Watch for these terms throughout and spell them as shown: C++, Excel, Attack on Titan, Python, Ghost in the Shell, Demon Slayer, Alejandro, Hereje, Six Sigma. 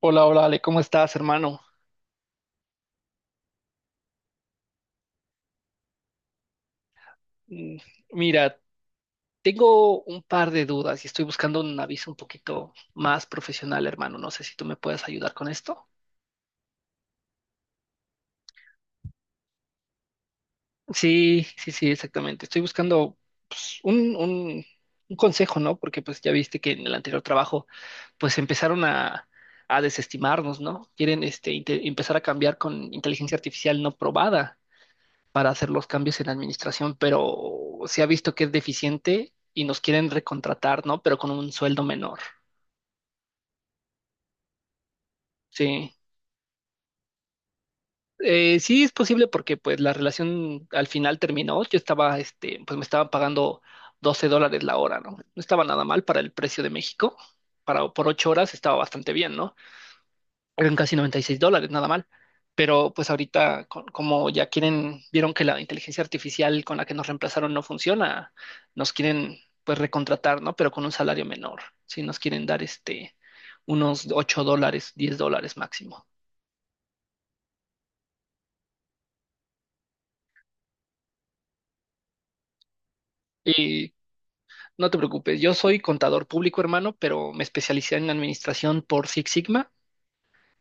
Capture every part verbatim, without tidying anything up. Hola, hola, Ale, ¿cómo estás, hermano? Mm. Mira, tengo un par de dudas y estoy buscando un aviso un poquito más profesional, hermano. No sé si tú me puedes ayudar con esto. Sí, sí, sí, exactamente. Estoy buscando pues, un, un, un consejo, ¿no? Porque pues ya viste que en el anterior trabajo pues empezaron a, a desestimarnos, ¿no? Quieren este, inte- empezar a cambiar con inteligencia artificial no probada para hacer los cambios en la administración, pero se ha visto que es deficiente y nos quieren recontratar, ¿no? Pero con un sueldo menor. Sí. Eh, sí es posible porque pues la relación al final terminó. Yo estaba, este, pues me estaban pagando doce dólares la hora, ¿no? No estaba nada mal para el precio de México. Para, por ocho horas estaba bastante bien, ¿no? Eran casi noventa y seis dólares, nada mal. Pero pues ahorita, co- como ya quieren, vieron que la inteligencia artificial con la que nos reemplazaron no funciona, nos quieren pues recontratar, ¿no? Pero con un salario menor, si nos quieren dar este unos ocho dólares, diez dólares máximo. Y no te preocupes, yo soy contador público, hermano, pero me especialicé en administración por Six Sigma.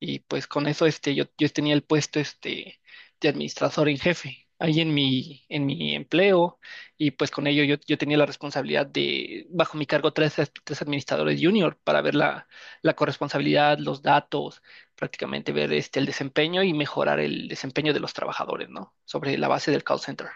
Y pues con eso este, yo, yo tenía el puesto este, de administrador en jefe ahí en mi, en mi empleo y pues con ello yo, yo tenía la responsabilidad de, bajo mi cargo, tres, as- tres administradores junior para ver la, la corresponsabilidad, los datos, prácticamente ver este, el desempeño y mejorar el desempeño de los trabajadores, ¿no? Sobre la base del call center.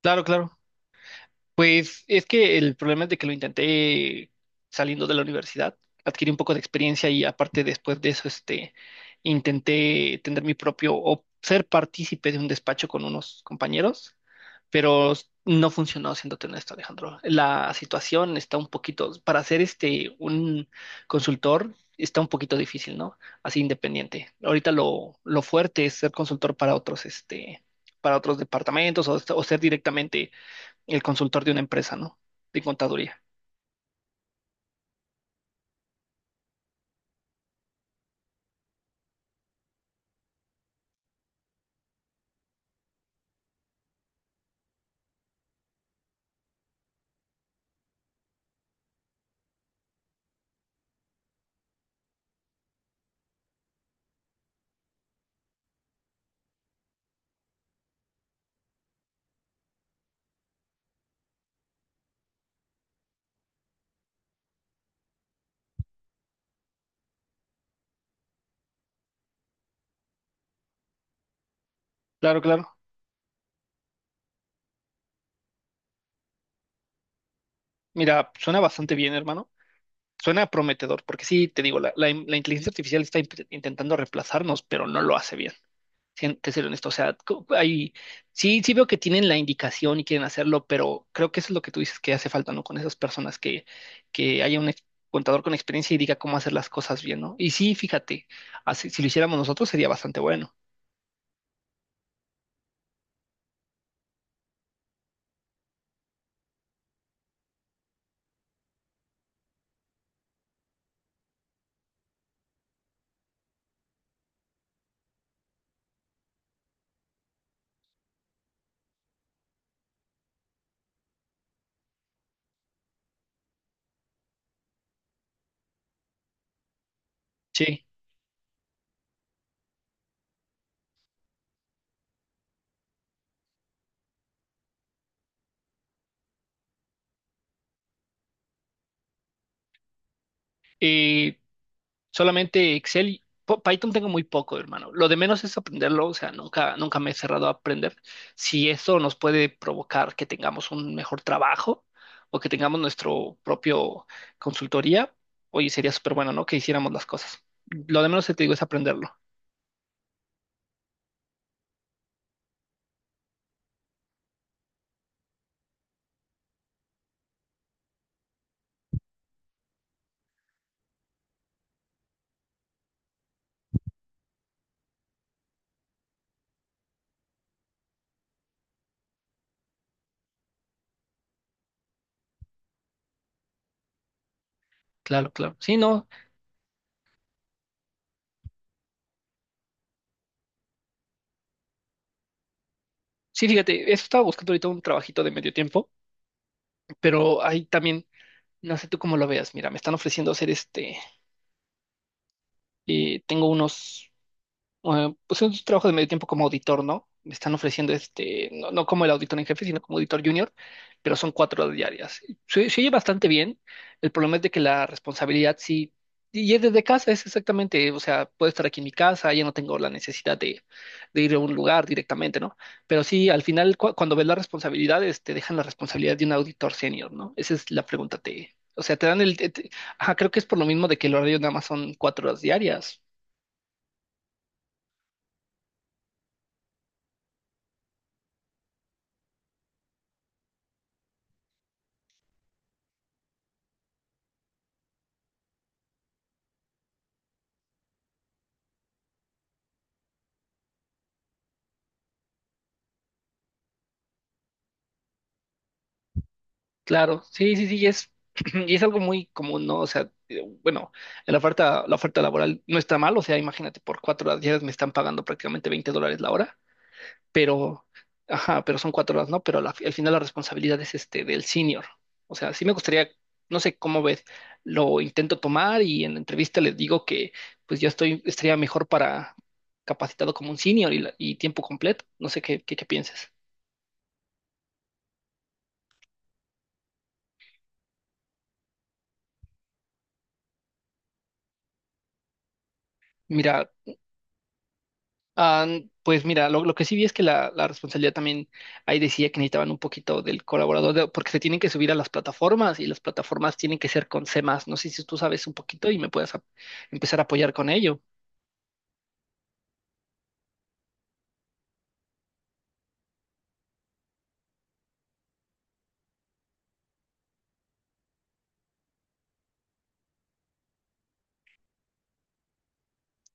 Claro, claro. Pues es que el problema es de que lo intenté saliendo de la universidad, adquirí un poco de experiencia y aparte después de eso, este, intenté tener mi propio o ser partícipe de un despacho con unos compañeros, pero no funcionó, siéndote honesto, Alejandro. La situación está un poquito, para ser este, un consultor, está un poquito difícil, ¿no? Así independiente. Ahorita lo, lo fuerte es ser consultor para otros, este, para otros departamentos o, o ser directamente el consultor de una empresa, ¿no? De contaduría. Claro, claro. Mira, suena bastante bien, hermano. Suena prometedor, porque sí, te digo, la, la in- la inteligencia artificial está imp- intentando reemplazarnos, pero no lo hace bien. Sien- Te seré honesto, o sea, co- hay, sí, sí veo que tienen la indicación y quieren hacerlo, pero creo que eso es lo que tú dices que hace falta, ¿no? Con esas personas que, que haya un ex- contador con experiencia y diga cómo hacer las cosas bien, ¿no? Y sí, fíjate, así, si lo hiciéramos nosotros sería bastante bueno. Sí. Eh, Solamente Excel y Po- Python tengo muy poco, hermano. Lo de menos es aprenderlo, o sea, nunca, nunca me he cerrado a aprender. Si eso nos puede provocar que tengamos un mejor trabajo o que tengamos nuestro propio consultoría, oye, sería súper bueno, ¿no? Que hiciéramos las cosas. Lo de menos te digo es aprenderlo. Claro, claro. Sí, no. Sí, fíjate, eso estaba buscando ahorita un trabajito de medio tiempo, pero ahí también, no sé tú cómo lo veas. Mira, me están ofreciendo hacer este, eh, tengo unos eh, pues es un trabajo de medio tiempo como auditor, ¿no? Me están ofreciendo este, no, no como el auditor en jefe, sino como auditor junior, pero son cuatro horas diarias. Se, se oye bastante bien. El problema es de que la responsabilidad sí, y es desde casa, es exactamente, o sea, puedo estar aquí en mi casa, ya no tengo la necesidad de, de ir a un lugar directamente, ¿no? Pero sí, al final, cu- cuando ves las responsabilidades, te dejan la responsabilidad de un auditor senior, ¿no? Esa es la pregunta, te, o sea, te dan el, te- te- ajá, creo que es por lo mismo de que el horario nada más son cuatro horas diarias. Claro, sí, sí, sí, y es, y es algo muy común, ¿no? O sea, eh, bueno, en la oferta, la oferta laboral no está mal, o sea, imagínate, por cuatro horas diarias me están pagando prácticamente veinte dólares la hora, pero, ajá, pero son cuatro horas, ¿no? Pero la- al final la responsabilidad es este del senior. O sea, sí me gustaría, no sé cómo ves, lo intento tomar y en la entrevista les digo que pues yo estoy, estaría mejor para capacitado como un senior y, la- y tiempo completo. No sé qué, qué, qué pienses. Mira. Ah, pues mira, lo, lo que sí vi es que la, la responsabilidad también ahí decía que necesitaban un poquito del colaborador, de- porque se tienen que subir a las plataformas y las plataformas tienen que ser con C++ más. No sé si tú sabes un poquito y me puedas a- empezar a apoyar con ello.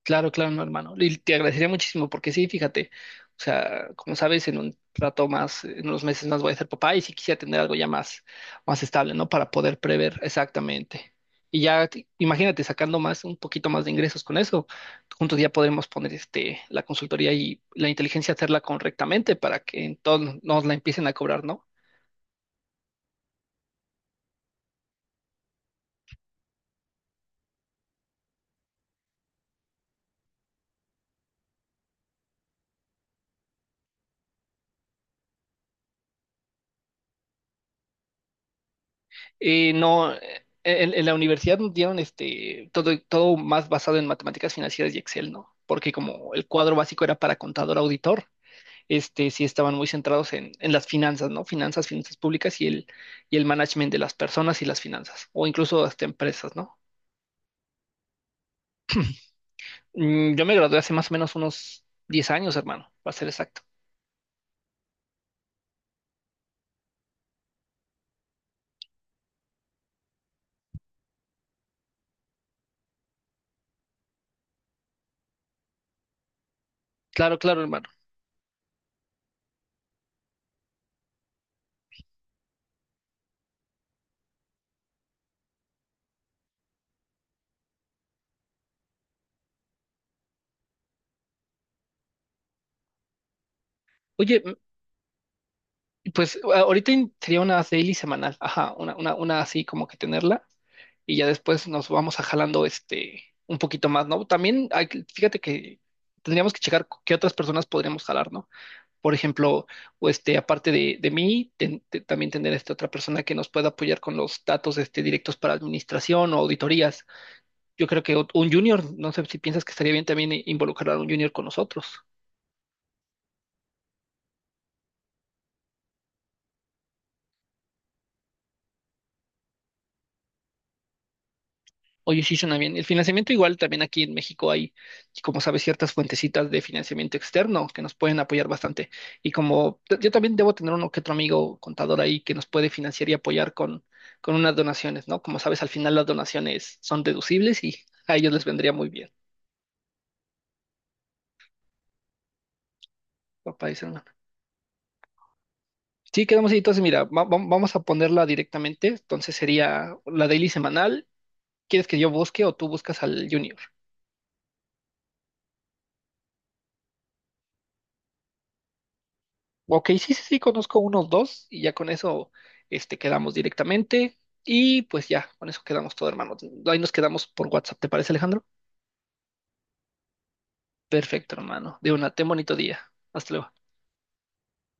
Claro, claro, no, hermano. Y te agradecería muchísimo porque sí, fíjate, o sea, como sabes, en un rato más, en unos meses más voy a ser papá y sí quisiera tener algo ya más, más estable, ¿no? Para poder prever exactamente. Y ya, te- imagínate, sacando más, un poquito más de ingresos con eso, juntos ya podremos poner este, la consultoría y la inteligencia hacerla correctamente para que entonces nos la empiecen a cobrar, ¿no? Eh, no, eh, en, en la universidad nos dieron este, todo, todo más basado en matemáticas financieras y Excel, ¿no? Porque como el cuadro básico era para contador auditor, este, sí estaban muy centrados en, en las finanzas, ¿no? Finanzas, finanzas públicas y el, y el management de las personas y las finanzas, o incluso hasta empresas, ¿no? Mm, Yo me gradué hace más o menos unos diez años, hermano, para ser exacto. Claro, claro, hermano. Oye. Pues a- ahorita in- sería una daily semanal, ajá, una, una, una así como que tenerla y ya después nos vamos a jalando este un poquito más, ¿no? También hay que- fíjate que tendríamos que checar cu- qué otras personas podríamos jalar, ¿no? Por ejemplo, o este, aparte de, de mí, ten- te- también tener esta otra persona que nos pueda apoyar con los datos este, directos para administración o auditorías. Yo creo que ot- un junior, no sé si piensas que estaría bien también i- involucrar a un junior con nosotros. Oye, sí suena bien. El financiamiento igual también aquí en México hay, como sabes, ciertas fuentecitas de financiamiento externo que nos pueden apoyar bastante. Y como t- yo también debo tener uno que otro amigo contador ahí que nos puede financiar y apoyar con, con unas donaciones, ¿no? Como sabes, al final las donaciones son deducibles y a ellos les vendría muy bien. Papá dice, no. Sí, quedamos ahí. Entonces, mira, va- va- vamos a ponerla directamente. Entonces sería la daily semanal. ¿Quieres que yo busque o tú buscas al junior? Ok, sí, sí, sí, conozco unos dos y ya con eso este, quedamos directamente y pues ya, con eso quedamos todo, hermano. Ahí nos quedamos por WhatsApp, ¿te parece, Alejandro? Perfecto, hermano. De una, ten bonito día. Hasta luego.